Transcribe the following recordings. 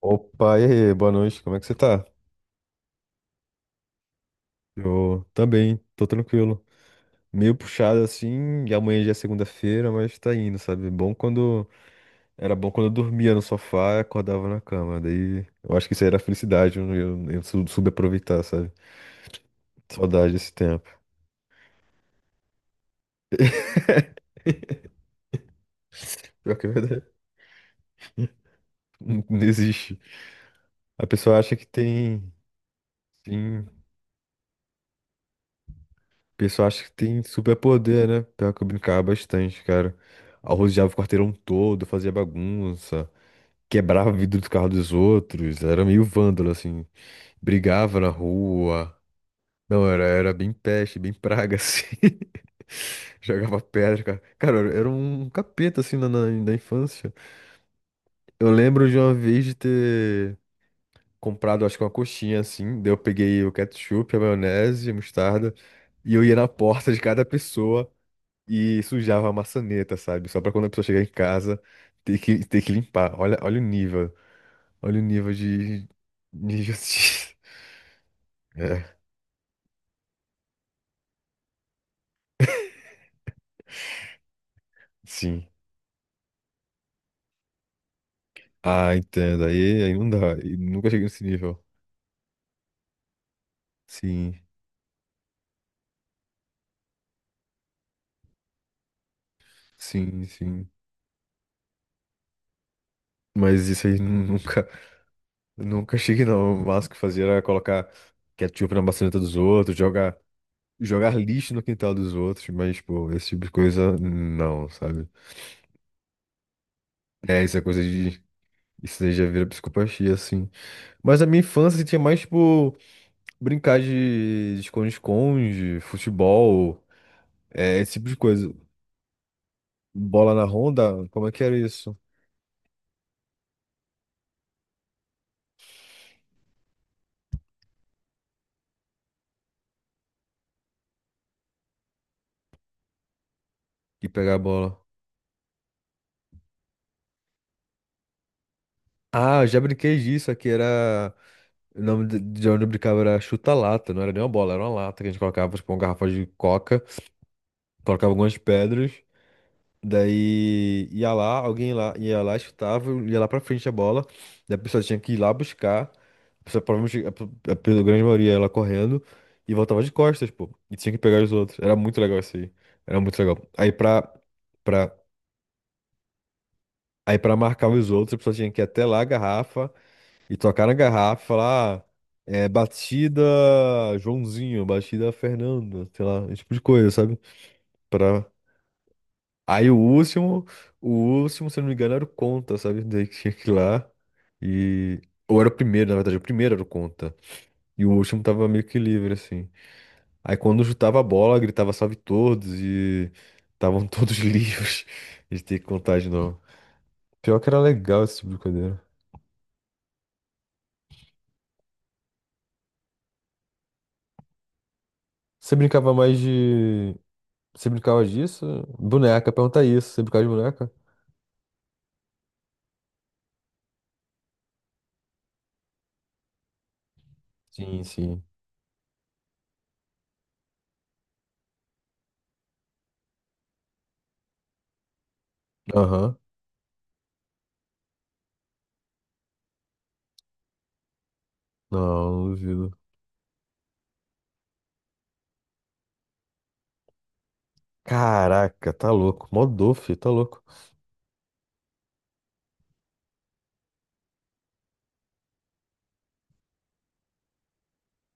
Opa, e aí, boa noite, como é que você tá? Eu também, tô tranquilo. Meio puxado assim, e amanhã já é segunda-feira, mas tá indo, sabe? Bom quando. Era bom quando eu dormia no sofá e acordava na cama. Daí eu acho que isso aí era felicidade, eu soube aproveitar, sabe? Saudade desse tempo. Pior que é verdade. Não existe. A pessoa acha que tem. Sim. A pessoa acha que tem superpoder, né? Pior que eu brincava bastante, cara. Arrojava o quarteirão todo, fazia bagunça. Quebrava o vidro do carro dos outros, era meio vândalo, assim, brigava na rua. Não, era bem peste, bem praga, assim. Jogava pedra, cara. Cara, eu era um capeta, assim, na infância. Eu lembro de uma vez de ter comprado, acho que uma coxinha, assim, daí eu peguei o ketchup, a maionese, a mostarda, e eu ia na porta de cada pessoa e sujava a maçaneta, sabe? Só pra quando a pessoa chegar em casa, ter que limpar. Olha, olha o nível. Olha o nível de injustiça. É, sim. Ah, entendo. Aí, aí não dá. E nunca cheguei nesse nível. Sim, sim, sim. Mas isso aí nunca cheguei, não. O máximo que fazia era colocar ketchup na maçaneta dos outros, jogar lixo no quintal dos outros. Mas, pô, esse tipo de coisa, não, sabe? É, isso é coisa de. Isso aí já vira psicopatia, assim. Mas a minha infância assim, tinha mais, tipo, brincar de esconde-esconde, futebol. É, esse tipo de coisa. Bola na ronda? Como é que era isso? De pegar a bola. Ah, eu já brinquei disso. Aqui era. O nome de onde eu brincava era chuta-lata. Não era nem uma bola, era uma lata que a gente colocava, tipo, uma garrafa de coca. Colocava algumas pedras. Daí ia lá, alguém lá ia lá, chutava, ia lá pra frente a bola. Daí a pessoa tinha que ir lá buscar. A pessoa provavelmente, a grande maioria ia lá correndo. E voltava de costas, pô. E tinha que pegar os outros. Era muito legal isso aí. Era muito legal. Pra Aí pra marcar os outros, a pessoa tinha que ir até lá a garrafa e tocar na garrafa, e falar, ah, é, batida Joãozinho, batida Fernando, sei lá, esse tipo de coisa, sabe? Pra... Aí o último, se eu não me engano, era o conta, sabe? Daí que tinha que ir lá e... Ou era o primeiro, na verdade, o primeiro era o conta. E o último tava meio que livre, assim. Aí quando chutava a bola, gritava salve todos e... Estavam todos livres de ter que contar de novo. Pior que era legal esse tipo de coisa. Você brincava mais de. Você brincava disso? Boneca, pergunta isso. Você brincava de boneca? Sim, sim. Aham. Não, não duvido. Caraca, tá louco. Mó filho, tá louco.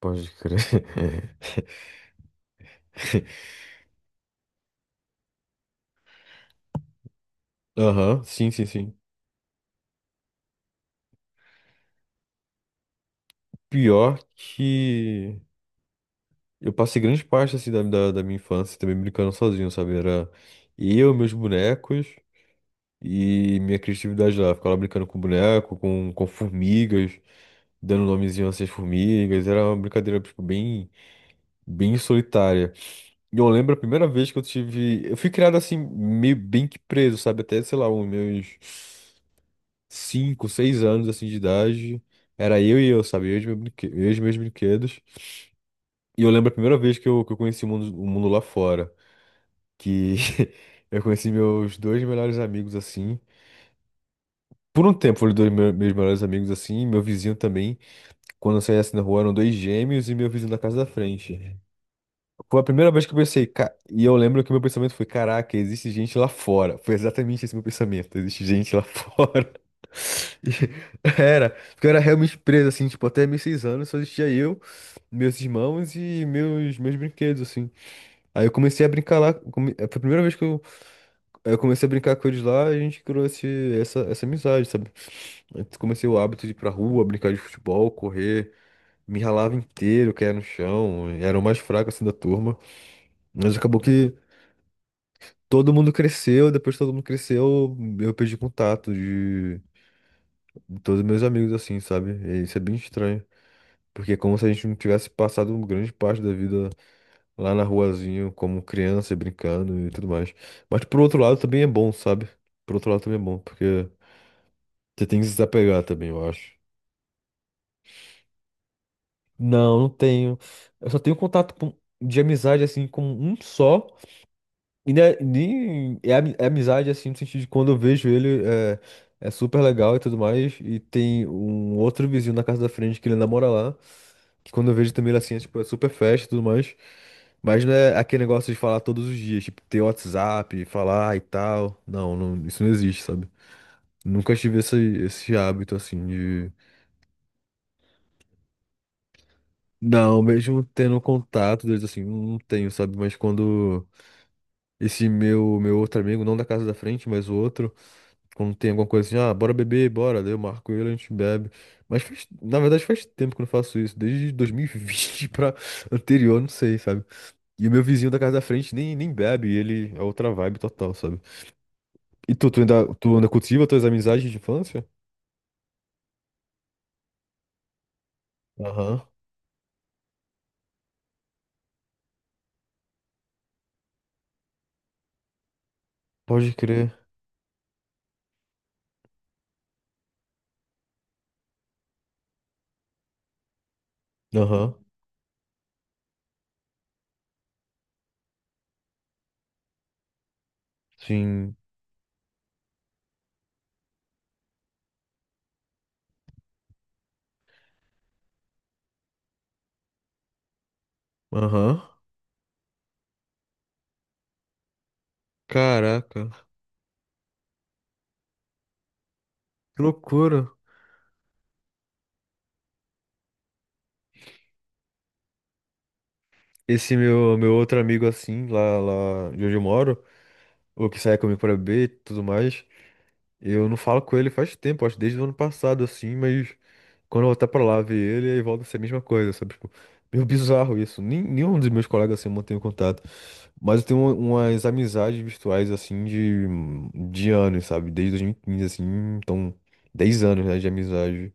Pode crer. Aham, sim, sim, sim. Pior que eu passei grande parte assim da minha infância também brincando sozinho, sabe? Era eu, meus bonecos e minha criatividade lá. Ficava lá brincando com boneco, com formigas, dando nomezinho a essas formigas. Era uma brincadeira, tipo, bem solitária. E eu lembro a primeira vez que eu tive. Eu fui criado assim, meio bem que preso, sabe? Até, sei lá, uns meus 5, 6 anos assim de idade. Era eu e eu, sabe? Eu e os meus brinquedos. E eu lembro a primeira vez que eu conheci o mundo lá fora. Que eu conheci meus dois melhores amigos assim. Por um tempo foram dois meus melhores amigos assim, meu vizinho também. Quando eu saía assim na rua eram dois gêmeos e meu vizinho da casa da frente. Foi a primeira vez que eu pensei, e eu lembro que meu pensamento foi, caraca, existe gente lá fora. Foi exatamente esse meu pensamento, existe gente lá fora. E era, porque eu era realmente preso, assim, tipo, até meus 6 anos só existia eu, meus irmãos e meus brinquedos, assim. Aí eu comecei a brincar lá, foi a primeira vez que eu comecei a brincar com eles lá, a gente criou essa amizade, sabe? Eu comecei o hábito de ir pra rua, brincar de futebol, correr, me ralava inteiro, caía no chão, era o mais fraco, assim, da turma. Mas acabou que todo mundo cresceu, depois que todo mundo cresceu, eu perdi contato de todos meus amigos, assim, sabe? E isso é bem estranho. Porque é como se a gente não tivesse passado grande parte da vida lá na ruazinha, como criança, brincando e tudo mais. Mas por outro lado também é bom, sabe? Por outro lado também é bom, porque você tem que se desapegar também, eu acho. Não, não tenho. Eu só tenho contato de amizade, assim, com um só. E né, nem é, é amizade assim, no sentido de quando eu vejo ele é, é super legal e tudo mais. E tem um outro vizinho na casa da frente que ele namora lá. Que quando eu vejo também ele assim, é, tipo, é super festa e tudo mais. Mas não é aquele negócio de falar todos os dias, tipo, ter WhatsApp, falar e tal. Não, não, isso não existe, sabe? Nunca tive esse hábito assim de. Não, mesmo tendo contato deles assim, não tenho, sabe? Mas quando esse meu outro amigo, não da casa da frente, mas o outro. Quando tem alguma coisa assim, ah, bora beber, bora. Daí eu marco ele, a gente bebe. Mas na verdade faz tempo que eu não faço isso, desde 2020 pra anterior, não sei, sabe? E o meu vizinho da casa da frente nem bebe, ele é outra vibe total, sabe? E tu, tu ainda cultiva tuas amizades de infância? Aham, pode crer. Aham, sim. Aham. Caraca, que loucura. Esse meu outro amigo assim, lá, lá de onde eu moro, ou que sai comigo pra beber e tudo mais. Eu não falo com ele faz tempo, acho que desde o ano passado, assim, mas quando eu voltar pra lá ver ele, aí volta a ser a mesma coisa, sabe? Tipo, meio bizarro isso. Nem, Nenhum dos meus colegas assim mantém contato. Mas eu tenho umas amizades virtuais, assim, de anos, sabe? Desde 2015, assim, então, 10 anos, né, de amizade.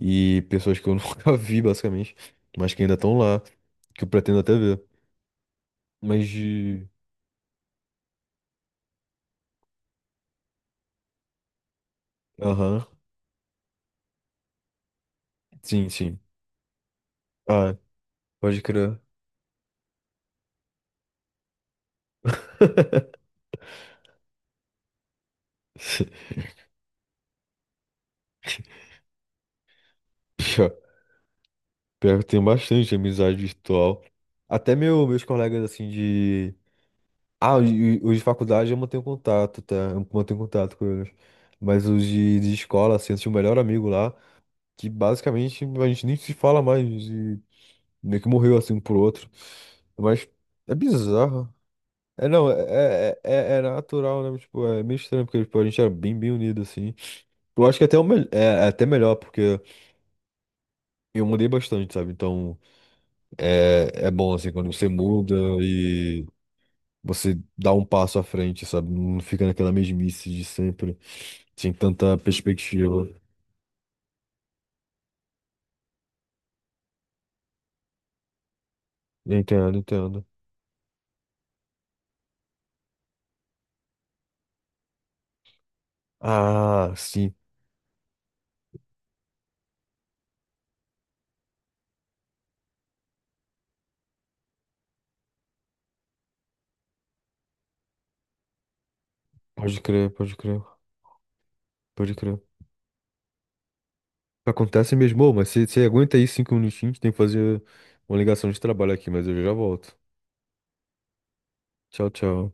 E pessoas que eu nunca vi, basicamente, mas que ainda estão lá, que eu pretendo até ver. Mas de. Aham, sim, sim. Ah, pode crer. Pior Pior que eu tenho bastante amizade virtual. Até meus colegas, assim, de... Ah, os de faculdade eu mantenho contato, tá? Eu mantenho contato com eles. Mas os de escola, assim, eu tinha o melhor amigo lá, que basicamente a gente nem se fala mais, e meio que morreu, assim, um pro outro. Mas é bizarro. É, não, é natural, né? Mas, tipo, é meio estranho, porque tipo, a gente era bem, bem unido, assim. Eu acho que até é até melhor, porque eu mudei bastante, sabe? Então... É, é bom, assim, quando você muda e você dá um passo à frente, sabe? Não fica naquela mesmice de sempre, sem tanta perspectiva. Entendo, entendo. Ah, sim. Pode crer, pode crer, pode crer. Acontece mesmo, ô, mas você aguenta aí 5 minutinhos, tem que fazer uma ligação de trabalho aqui, mas eu já volto. Tchau, tchau.